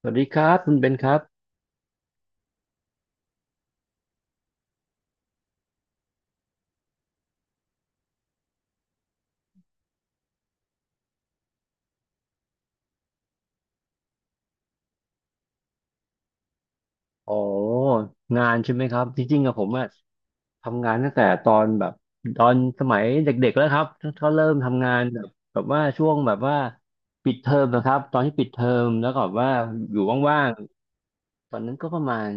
สวัสดีครับคุณเบนครับอ๋องานใช่ไหมครับจริงๆอะผมอะทำงานตั้งแต่ตอนแบบตอนสมัยเด็กๆแล้วครับเขาเริ่มทำงานแบบว่าช่วงแบบว่าปิดเทอมนะครับตอนที่ปิดเทอมแล้วก็แบบว่าอยู่ว่างๆตอนนั้นก็ประมาณ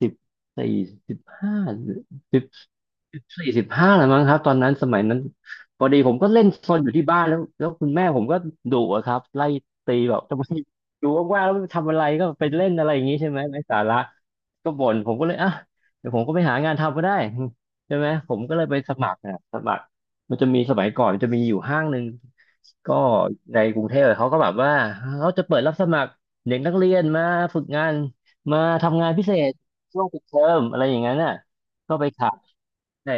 สิบสี่สิบห้าสิบสิบห้าแล้วมั้งครับตอนนั้นสมัยนั้นพอดีผมก็เล่นซนอยู่ที่บ้านแล้วคุณแม่ผมก็ดุอะครับไล่ตีแบบทำไมอยู่ว่างๆแล้วทำอะไรก็ไปเล่นอะไรอย่างนี้ใช่ไหมไร้สาระก็บ่นผมก็เลยอ่ะเดี๋ยวผมก็ไปหางานทำก็ได้ใช่ไหมผมก็เลยไปสมัครนะสมัครมันจะมีสมัยก่อนมันจะมีอยู่ห้างหนึ่งก็ในกรุงเทพเขาก็แบบว่าเขาจะเปิดรับสมัครเด็กนักเรียนมาฝึกงานมาทำงานพิเศษ ช่วงปิดเทอมอะไรอย่างนั้นน่ะก็ไปขายใช่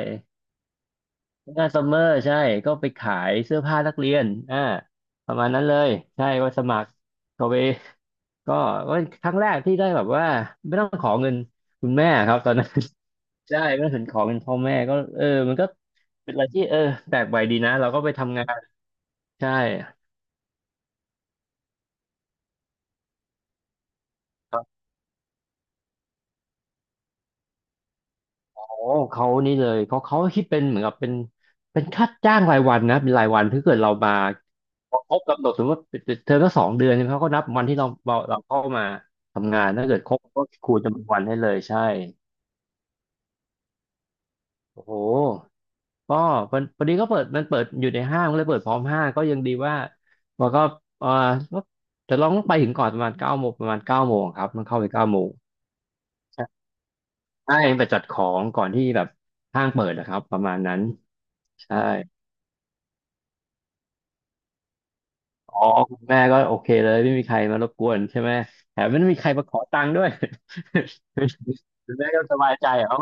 งานซัมเมอร์ใช่ก็ไปขายเสื้อผ้านักเรียนอ่าประมาณนั้นเลยใช่ก็สมัครก็ไปก็ก็ครั้งแรกที่ได้แบบว่าไม่ต้องขอเงินคุณแม่ครับตอนนั้น ใช่ไม่ต้องถึงขอเงินพ่อแม่ก็เออมันก็เป็นอะไรที่เออแปลกใหม่ดีนะเราก็ไปทำงานใช่ อ๋อเขานี่เลยเขาคิดเป็นเหมือนกับเป็นเป็นค่าจ้างรายวันนะเป็นรายวันถ้าเกิดเรามาพอครบกำหนดสมมติว่าเทอมละ2 เดือนใช่ไหมเขาก็นับวันที่เราเข้ามาทำงานถ้าเกิดครบก็คูณจำนวนวันให้เลยใช่โอ้โหก็มันพอดีก็เปิดมันเปิดอยู่ในห้างก็เลยเปิดพร้อมห้างก็ยังดีว่ามันก็เอ่อก็แต่เราต้องไปถึงก่อนประมาณเก้าโมงประมาณเก้าโมงครับมันเข้าไปเก้าโมงใช่ไปจัดของก่อนที่แบบห้างเปิดนะครับประมาณนั้นใช่ อ๋อคุณแม่ก็โอเคเลยไม่มีใครมารบกวนใช่ไหมแถมไม่มีใครมาขอตังค์ด้วย คุณแม่ก็สบายใจอ๋อ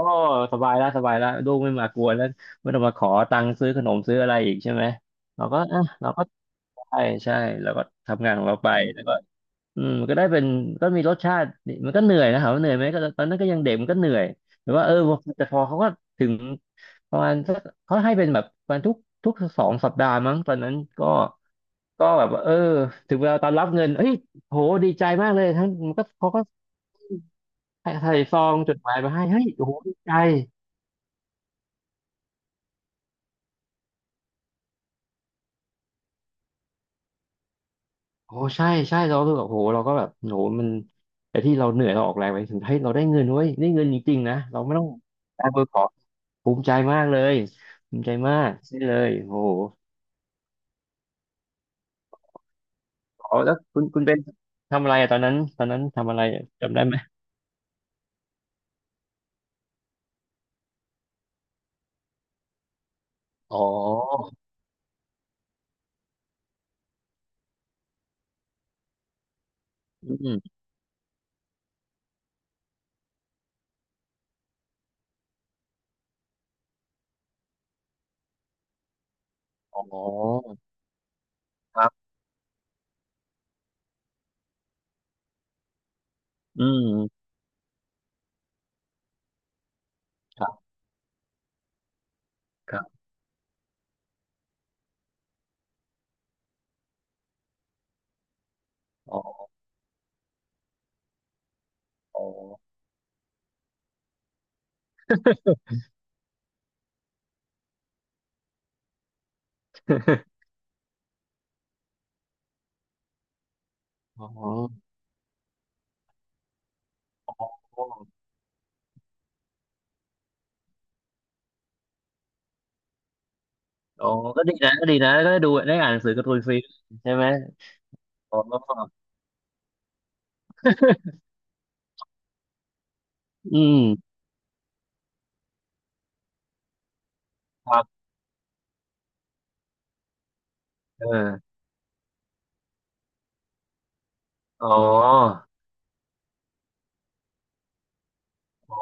สบายแล้วสบายแล้วลูกไม่มากวนแล้วไม่ต้องมาขอตังค์ซื้อขนมซื้ออะไรอีกใช่ไหมเราก็อ่ะเราก็ใช่ใช่เราก็ทำงานของเราไปแล้วก็อืมมันก็ได้เป็นก็มีรสชาตินี่มันก็เหนื่อยนะถามว่าเหนื่อยไหมก็ตอนนั้นก็ยังเด็กมันก็เหนื่อยแต่ว่าเออแต่พอเขาก็ถึงประมาณสักเขาให้เป็นแบบประมาณทุก2 สัปดาห์มั้งตอนนั้นก็ ก็แบบว่าเออถึงเวลาตอนรับเงินเฮ้ยโหดีใจมากเลยทั้งมันก็เขาก็ใส่ซองจดหมายมาให้เฮ้ยโอ้โหดีใจโอ้ใช่ใช่เรารู้สึกแบบโหเราก็แบบโหมันไอ้ที่เราเหนื่อยเราออกแรงไปถึงเฮ้ยเราได้เงินเว้ยได้เงินจริงๆนะเราไม่ต้องการเบอร์ขอภูมิใจมากเลยภูมิใจมากนี่เลยโอ้โหอ๋อแล้วคุณคุณเป็นทำอะไรอะตอนนั้นตอนนั้นทำอะไรอะจำได้ไหมอ๋ออืมอ๋อครับอืมครับครับอ๋ออ๋อ อ๋ออ๋ออ๋อก็ดีนะก็ดีนะก็ได้ดูได้อ่านหนังสือการ์ตูนฟรีใช่ไหมอ๋อ อืมครับเอออ๋ออ๋อ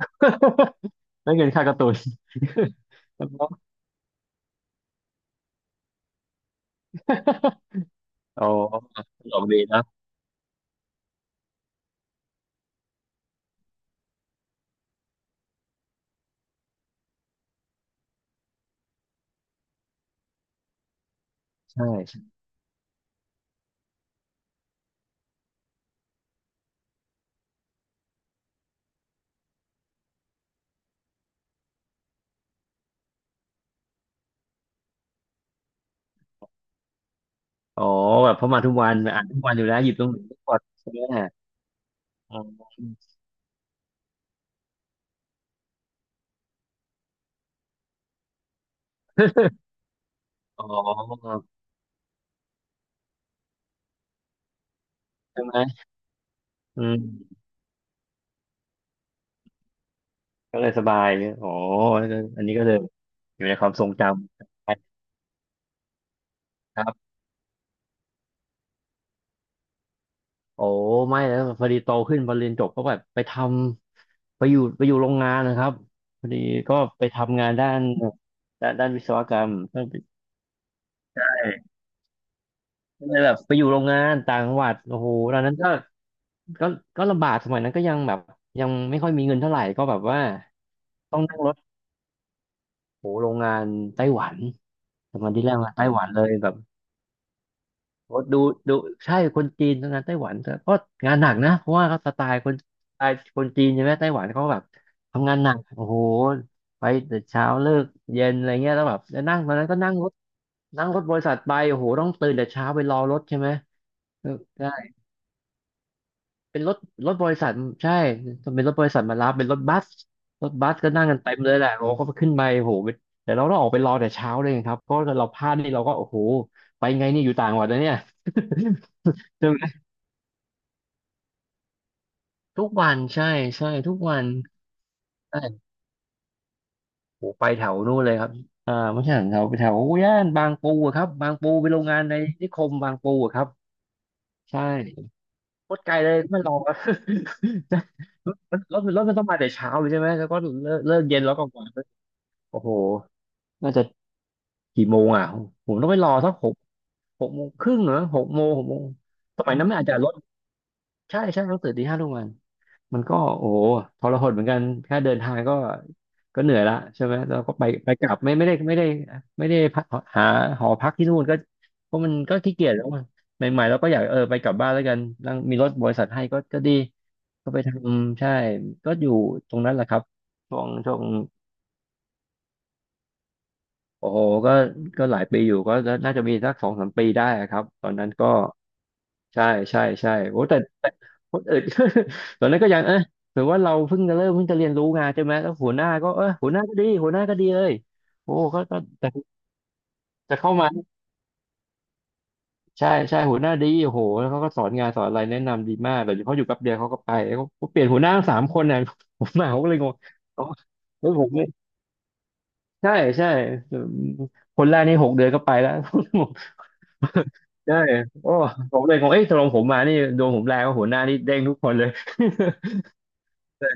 ไม่เกินค่าการ์ตูน ครับผมอ๋อสนกดีนะใช่อ๋อแบบเพอมาทุกวันอ่านทุกวันอยู่แล้วหยิบตรงไหนก็กดใช่ไหมอ๋ออ๋อ ใช่ไหมอืมก็เลยสบายอ๋ออันนี้ก็เลยอยู่ในความทรงจำ ครับ โอ้ไม่แล้วพอดีโตขึ้นพอเรียนจบก็แบบไปทำไปอยู่ไปอยู่โรงงานนะครับพอดีก็ไปทำงานด้านด้านวิศวกรรมก็ไปใช่ก็เลยแบบไปอยู่โรงงานต่างจังหวัดโอ้โหตอนนั้นก็ก็ก็ลำบากสมัยนั้นก็ยังแบบยังไม่ค่อยมีเงินเท่าไหร่ก็แบบว่าต้องนั่งรถโอ้โหโรงงานไต้หวันสมันที่แรกมาไต้หวันเลยแบบ โอ้ดูดูใช่คนจีนทังานไต้หวันแต่ก็งานหนักนะเพราะว่าเขาสไตล์คนสไตล์คนจีนใช่ไหมไต้หวันเขาแบบทำงานหนักโอ้โหไปแต่เช้าเลิกเย็นอะไรเงี้ยแล้วแบบจะนั่งตอนนั้นก็นั่งรถนั่งรถบริษัทไปโอ้โหต้องตื่นแต่เช้าไปรอรถใช่ไหมเออใช่เป็นรถรถบริษัทใช่เป็นรถบริษัทมารับเป็นรถบัสรถบัสก็นั่งกันเต็มเลยแหละโอ้โหก็ขึ้นไปโอ้โหแต่เราต้องออกไปรอแต่เช้าเลยครับเพราะเราพลาดนี่เราก็โอ้โหไปไงนี่อยู่ต่างจังหวัดนะเนี่ย ทุกวันใช่ใช่ทุกวันใช่โอ้ไปแถวนู่นเลยครับไม่ใช่แถวไปแถวย่านบางปูอะครับบางปูไปโรงงานในนิคมบางปูอะครับใช่โคตรไกลเลยไม่รอ ใช่ รถมันต้องมาแต่เช้าเลยใช่ไหมแล้วก็เลิกเย็นแล้วก็กลับโอ้โหน่าจะกี่โมงอ่ะผมต้องไปรอสักหกหกโมงครึ่งเหรอหกโมงหกโมงสมัยนั้นมันอาจจะลดใช่ใช่ต้องตื่นตีห้าทุกวัน มันก็โอ้โหทรหดเหมือนกันแค่เดินทางก็ก็เหนื่อยละใช่ไหมแล้วก็ไปไปกลับไม่ได้ไม่ได้พักหาหอพักที่นู่นก็เพราะมันก็ขี้เกียจแล้วมันใหม่ๆเราก็อยากไปกลับบ้านแล้วกันนั่งมีรถบริษัทให้ก็ก็ดีก็ไปทำใช่ก็อยู่ตรงนั้นแหละครับช่วงโอ้โหก็ก็หลายปีอยู่ก็น่าจะมีสักสองสามปีได้อะครับตอนนั้นก็ ใช่ใช่ใช่โอ้แต่คนอื่น ตอนนั้นก็ยังถือว่าเราเพิ่งจะเริ่มเพิ่งจะเรียนรู้งานใช่ไหมแล้วหัวหน้าก็หัวหน้าก็ดีหัวหน้าก็ดีเลยโอ้ก็ก็แต่จะเข้ามาใช่ใช่หัวหน้าดีโอ้โหแล้วเขาก็สอนงานสอนอะไรแนะนำดีมากแต่เขาอยู่แป๊บเดียวเขาก็ไปเขาเปลี่ยนหัวหน้าทั้งสามคนเนี่ยผมมาผมก็เลยงงอ๋อเฮ้ยผมไม่ยใช่ใช่คนแรกนี่หกเดือนก็ไปแล้ว ใช่โอ้ผมเลยงงเอ้ยตกลงผมมานี่โดวงผมแรงว่าหัวหน้านี่เด้งทุกคนเลย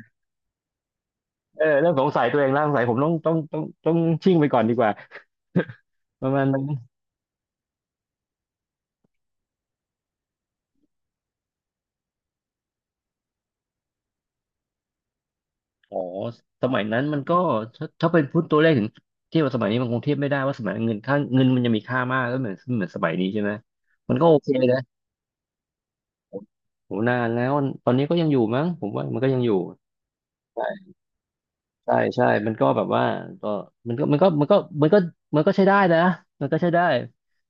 เริ่มสงสัยตัวเองแล้วสงสัยผมต้องชิ่งไปก่อนดีกว่าประมาณนั้นอ๋อสมัยนั้นมันก็ถ้าเป็นพูดตัวเลขถึงเทียบกับสมัยนี้มันคงเทียบไม่ได้ว่าสมัยนั้นเงินค่าเงินมันจะมีค่ามากแล้วเหมือนสมัยนี้ใช่ไหมมันก็โอเคนะโหนานแล้วตอนนี้ก็ยังอยู่มั้งผมว่ามันก็ยังอยู่ ใช่ใช่ มันก็แบบว่าก็มันก็มันก็มันก็มันก็มันก็ใช้ได้นะมันก็ใช้ได้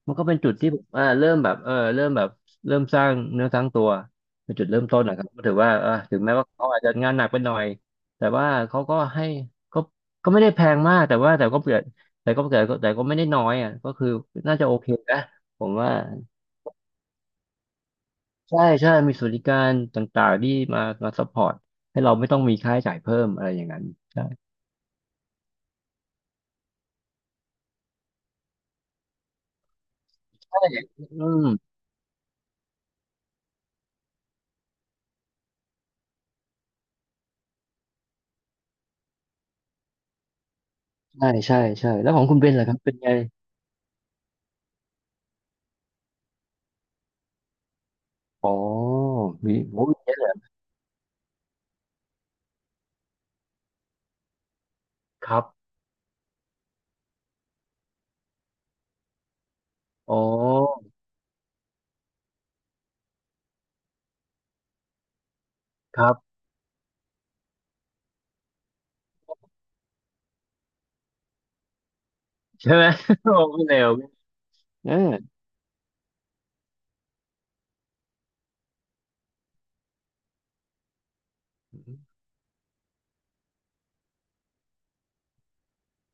มันก็เป็นจุดที่ผมเริ่มแบบเริ่มแบบเริ่มสร้างเนื้อสร้างตัวเป็นจุดเริ่มต้นนะครับก็ถือว่าถึงแม้ว่าเขาอาจจะงานหนักไปหน่อยแต่ว่าเขาก็ให้ก็ก็ไม่ได้แพงมากแต่ว่าแต่ก็เกิดแต่ก็เกิดแต่ก็ไม่ได้น้อยอ่ะก็คือน่าจะโอเคนะผมว่าใช่ใช่มีสวัสดิการต่างๆที่มาซัพพอร์ตให้เราไม่ต้องมีค่าใช้จ่ายเพิ่มอะไรอย่างนั้นใช่ใช่อืม ใช่ใช่ใช่แล้วของคุณเบนล่ะครับเป็นไงอ๋อมีโอ้มีเยอะเลยครับอ๋อครับ ใช่ไหม โอ้ไม่เร็วเออ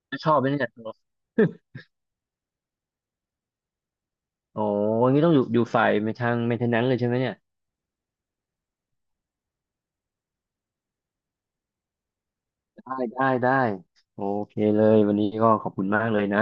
ไมชอบไหมเนี่ยโอ้ อยังนี้ต้องอยู่อยู่ฝ่ายทาง maintenance เลยใช่ไหมเนี่ยได้ได้ได้โอเคเลยวันนี้ก็ขอบคุณมากเลยนะ